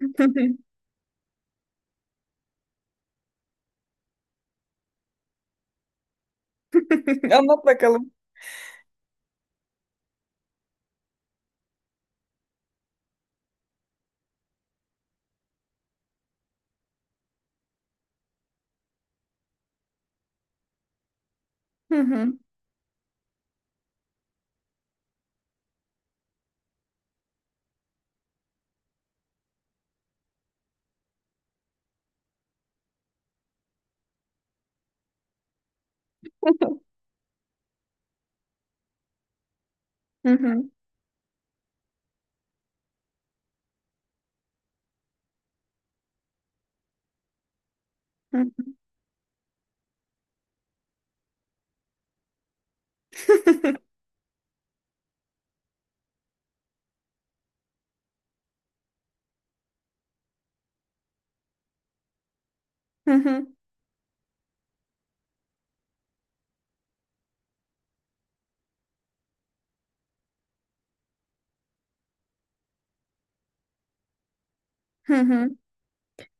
Anlat bakalım. hı. Hı hı. Hı hı. Hı hı. Hı hı.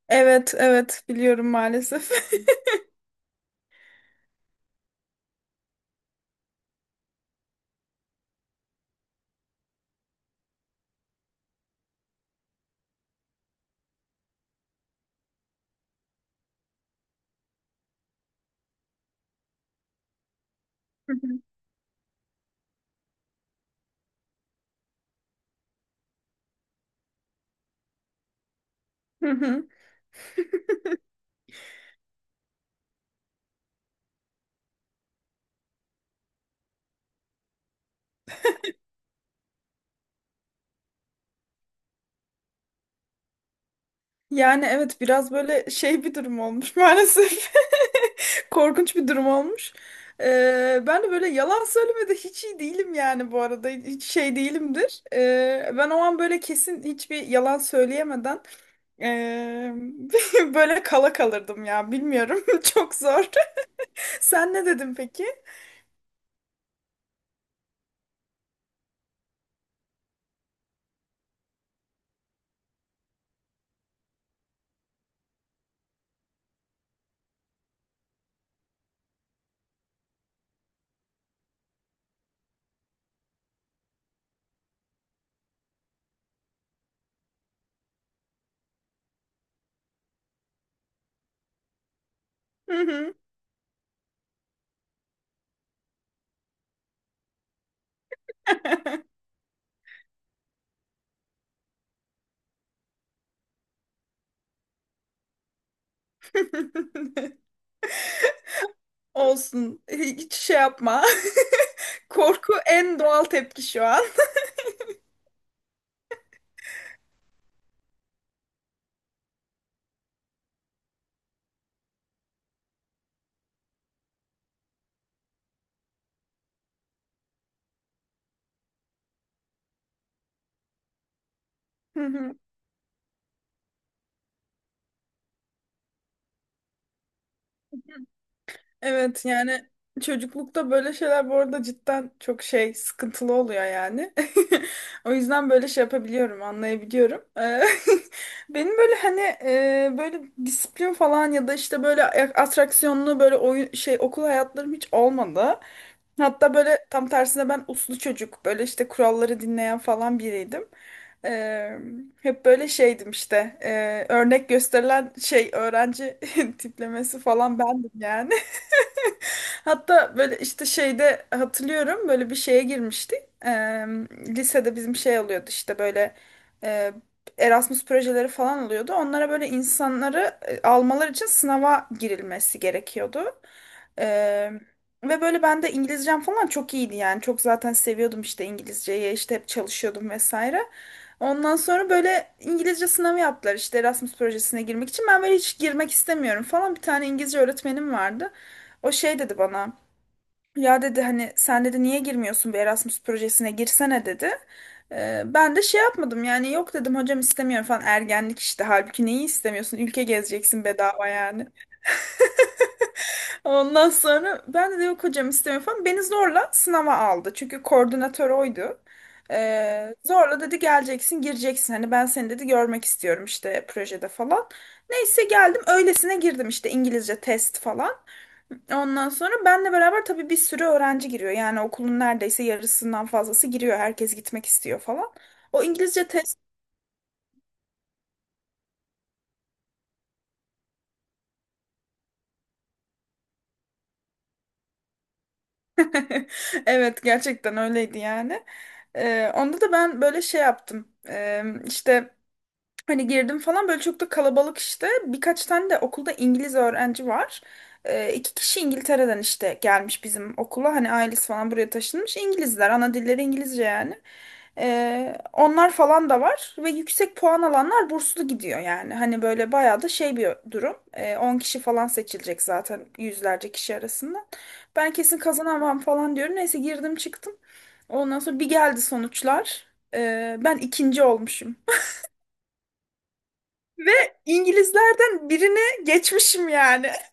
Evet, evet biliyorum maalesef. Hı hı. Hı hı. Yani evet biraz böyle şey bir durum olmuş maalesef. Korkunç bir durum olmuş. Ben de böyle yalan söylemede hiç iyi değilim yani bu arada. Hiç şey değilimdir. Ben o an böyle kesin hiçbir yalan söyleyemeden ee, böyle kala kalırdım ya. Bilmiyorum. Çok zor. Sen ne dedin peki? Hı hı. Olsun. Hiç şey yapma. Korku en doğal tepki şu an. Hı hı. Evet yani çocuklukta böyle şeyler bu arada cidden çok şey sıkıntılı oluyor yani. O yüzden böyle şey yapabiliyorum, anlayabiliyorum. Benim böyle hani böyle disiplin falan ya da işte böyle atraksiyonlu böyle oyun şey okul hayatlarım hiç olmadı. Hatta böyle tam tersine ben uslu çocuk böyle işte kuralları dinleyen falan biriydim. Eee, Hep böyle şeydim işte örnek gösterilen şey öğrenci tiplemesi falan bendim yani. Hatta böyle işte şeyde hatırlıyorum böyle bir şeye girmiştik. Eee, Lisede bizim şey oluyordu işte böyle eee, Erasmus projeleri falan oluyordu. Onlara böyle insanları almalar için sınava girilmesi gerekiyordu. Eee, Ve böyle ben de İngilizcem falan çok iyiydi yani. Çok zaten seviyordum işte İngilizceyi işte hep çalışıyordum vesaire. Ondan sonra böyle İngilizce sınavı yaptılar işte Erasmus projesine girmek için. Ben böyle hiç girmek istemiyorum falan. Bir tane İngilizce öğretmenim vardı. O şey dedi bana. Ya dedi hani sen dedi niye girmiyorsun bir Erasmus projesine girsene dedi. Ben de şey yapmadım yani yok dedim hocam istemiyorum falan ergenlik işte halbuki neyi istemiyorsun ülke gezeceksin bedava yani. Ondan sonra ben de yok hocam istemiyorum falan beni zorla sınava aldı çünkü koordinatör oydu. Zorla dedi geleceksin gireceksin hani ben seni dedi görmek istiyorum işte projede falan. Neyse geldim öylesine girdim işte İngilizce test falan. Ondan sonra benle beraber tabii bir sürü öğrenci giriyor. Yani okulun neredeyse yarısından fazlası giriyor. Herkes gitmek istiyor falan. O İngilizce test evet gerçekten öyleydi yani. Onda da ben böyle şey yaptım. İşte hani girdim falan böyle çok da kalabalık işte. Birkaç tane de okulda İngiliz öğrenci var. İki kişi İngiltere'den işte gelmiş bizim okula. Hani ailesi falan buraya taşınmış. İngilizler. Ana dilleri İngilizce yani. Onlar falan da var. Ve yüksek puan alanlar burslu gidiyor yani. Hani böyle bayağı da şey bir durum. 10 kişi falan seçilecek zaten yüzlerce kişi arasından. Ben kesin kazanamam falan diyorum. Neyse girdim çıktım. Ondan sonra bir geldi sonuçlar. Ben ikinci olmuşum. Ve İngilizlerden birine geçmişim yani.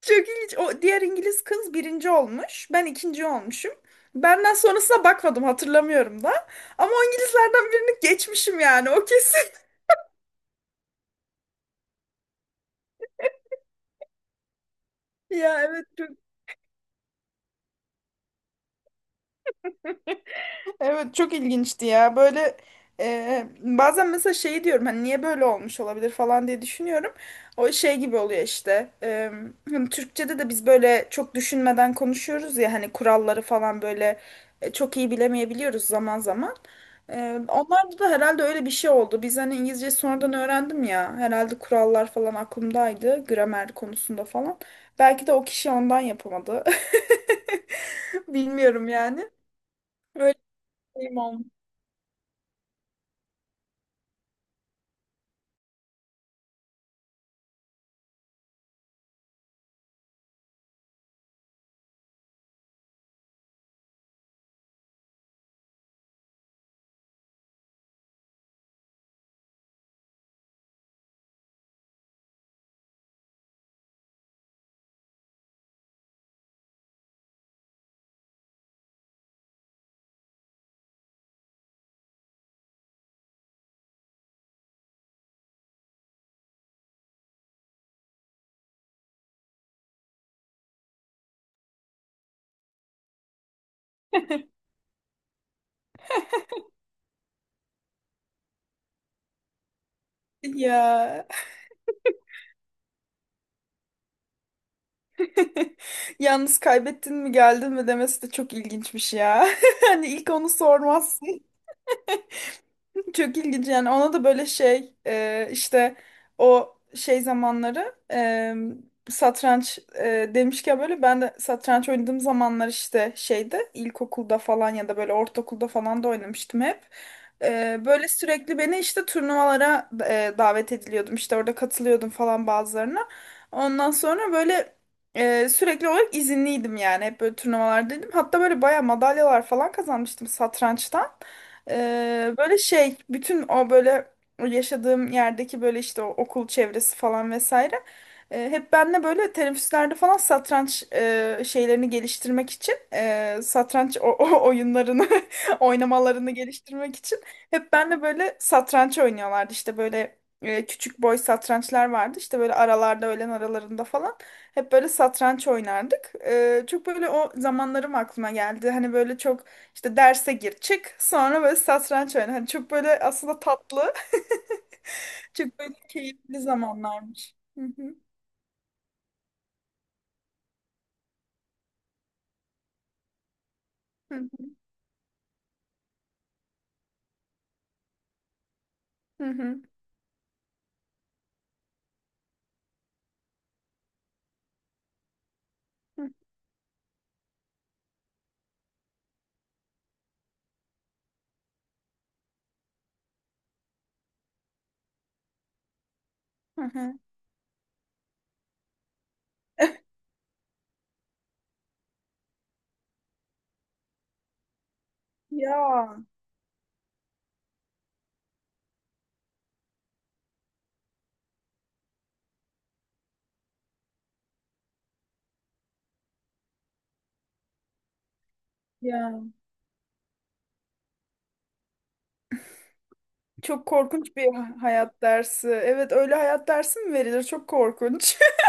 Çok ilginç. O diğer İngiliz kız birinci olmuş. Ben ikinci olmuşum. Benden sonrasına bakmadım hatırlamıyorum da. Ama o İngilizlerden birini geçmişim yani o kesin. Ya evet çok evet çok ilginçti ya. Böyle bazen mesela şey diyorum hani niye böyle olmuş olabilir falan diye düşünüyorum. O şey gibi oluyor işte. Hani Türkçe'de de biz böyle çok düşünmeden konuşuyoruz ya hani kuralları falan böyle çok iyi bilemeyebiliyoruz zaman zaman. E, Onlarda da herhalde öyle bir şey oldu. Biz hani İngilizce sonradan öğrendim ya. Herhalde kurallar falan aklımdaydı. Gramer konusunda falan. Belki de o kişi ondan yapamadı. Bilmiyorum yani. Öyle bir şeyim olmuş. Ya yalnız kaybettin mi geldin mi demesi de çok ilginçmiş ya. Hani ilk onu sormazsın. Çok ilginç yani ona da böyle şey işte o şey zamanları satranç demişken böyle ben de satranç oynadığım zamanlar işte şeyde ilkokulda falan ya da böyle ortaokulda falan da oynamıştım hep. Böyle sürekli beni işte turnuvalara davet ediliyordum işte orada katılıyordum falan bazılarına. Ondan sonra böyle sürekli olarak izinliydim yani hep böyle turnuvalardaydım. Hatta böyle baya madalyalar falan kazanmıştım satrançtan. Böyle şey bütün o böyle yaşadığım yerdeki böyle işte o okul çevresi falan vesaire hep benle böyle teneffüslerde falan satranç şeylerini geliştirmek için satranç o oyunlarını oynamalarını geliştirmek için hep benle böyle satranç oynuyorlardı işte böyle küçük boy satrançlar vardı işte böyle aralarda öğlen aralarında falan hep böyle satranç oynardık. Çok böyle o zamanlarım aklıma geldi hani böyle çok işte derse gir çık sonra böyle satranç oyna. Hani çok böyle aslında tatlı. Çok böyle keyifli zamanlarmış. Hı, hı hı, hı hı, hı hı. Ya ya, çok korkunç bir ha- hayat dersi. Evet öyle hayat dersi mi verilir? Çok korkunç.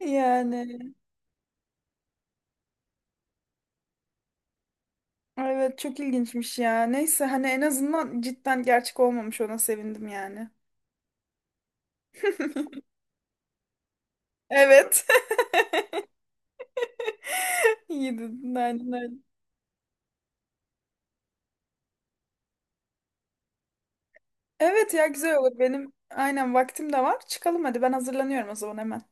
Yani evet çok ilginçmiş ya. Neyse hani en azından cidden gerçek olmamış ona sevindim yani. Evet. İyi dedin aynen öyle. Evet ya güzel olur. Benim aynen vaktim de var. Çıkalım hadi ben hazırlanıyorum o zaman hemen.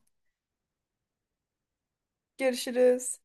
Görüşürüz.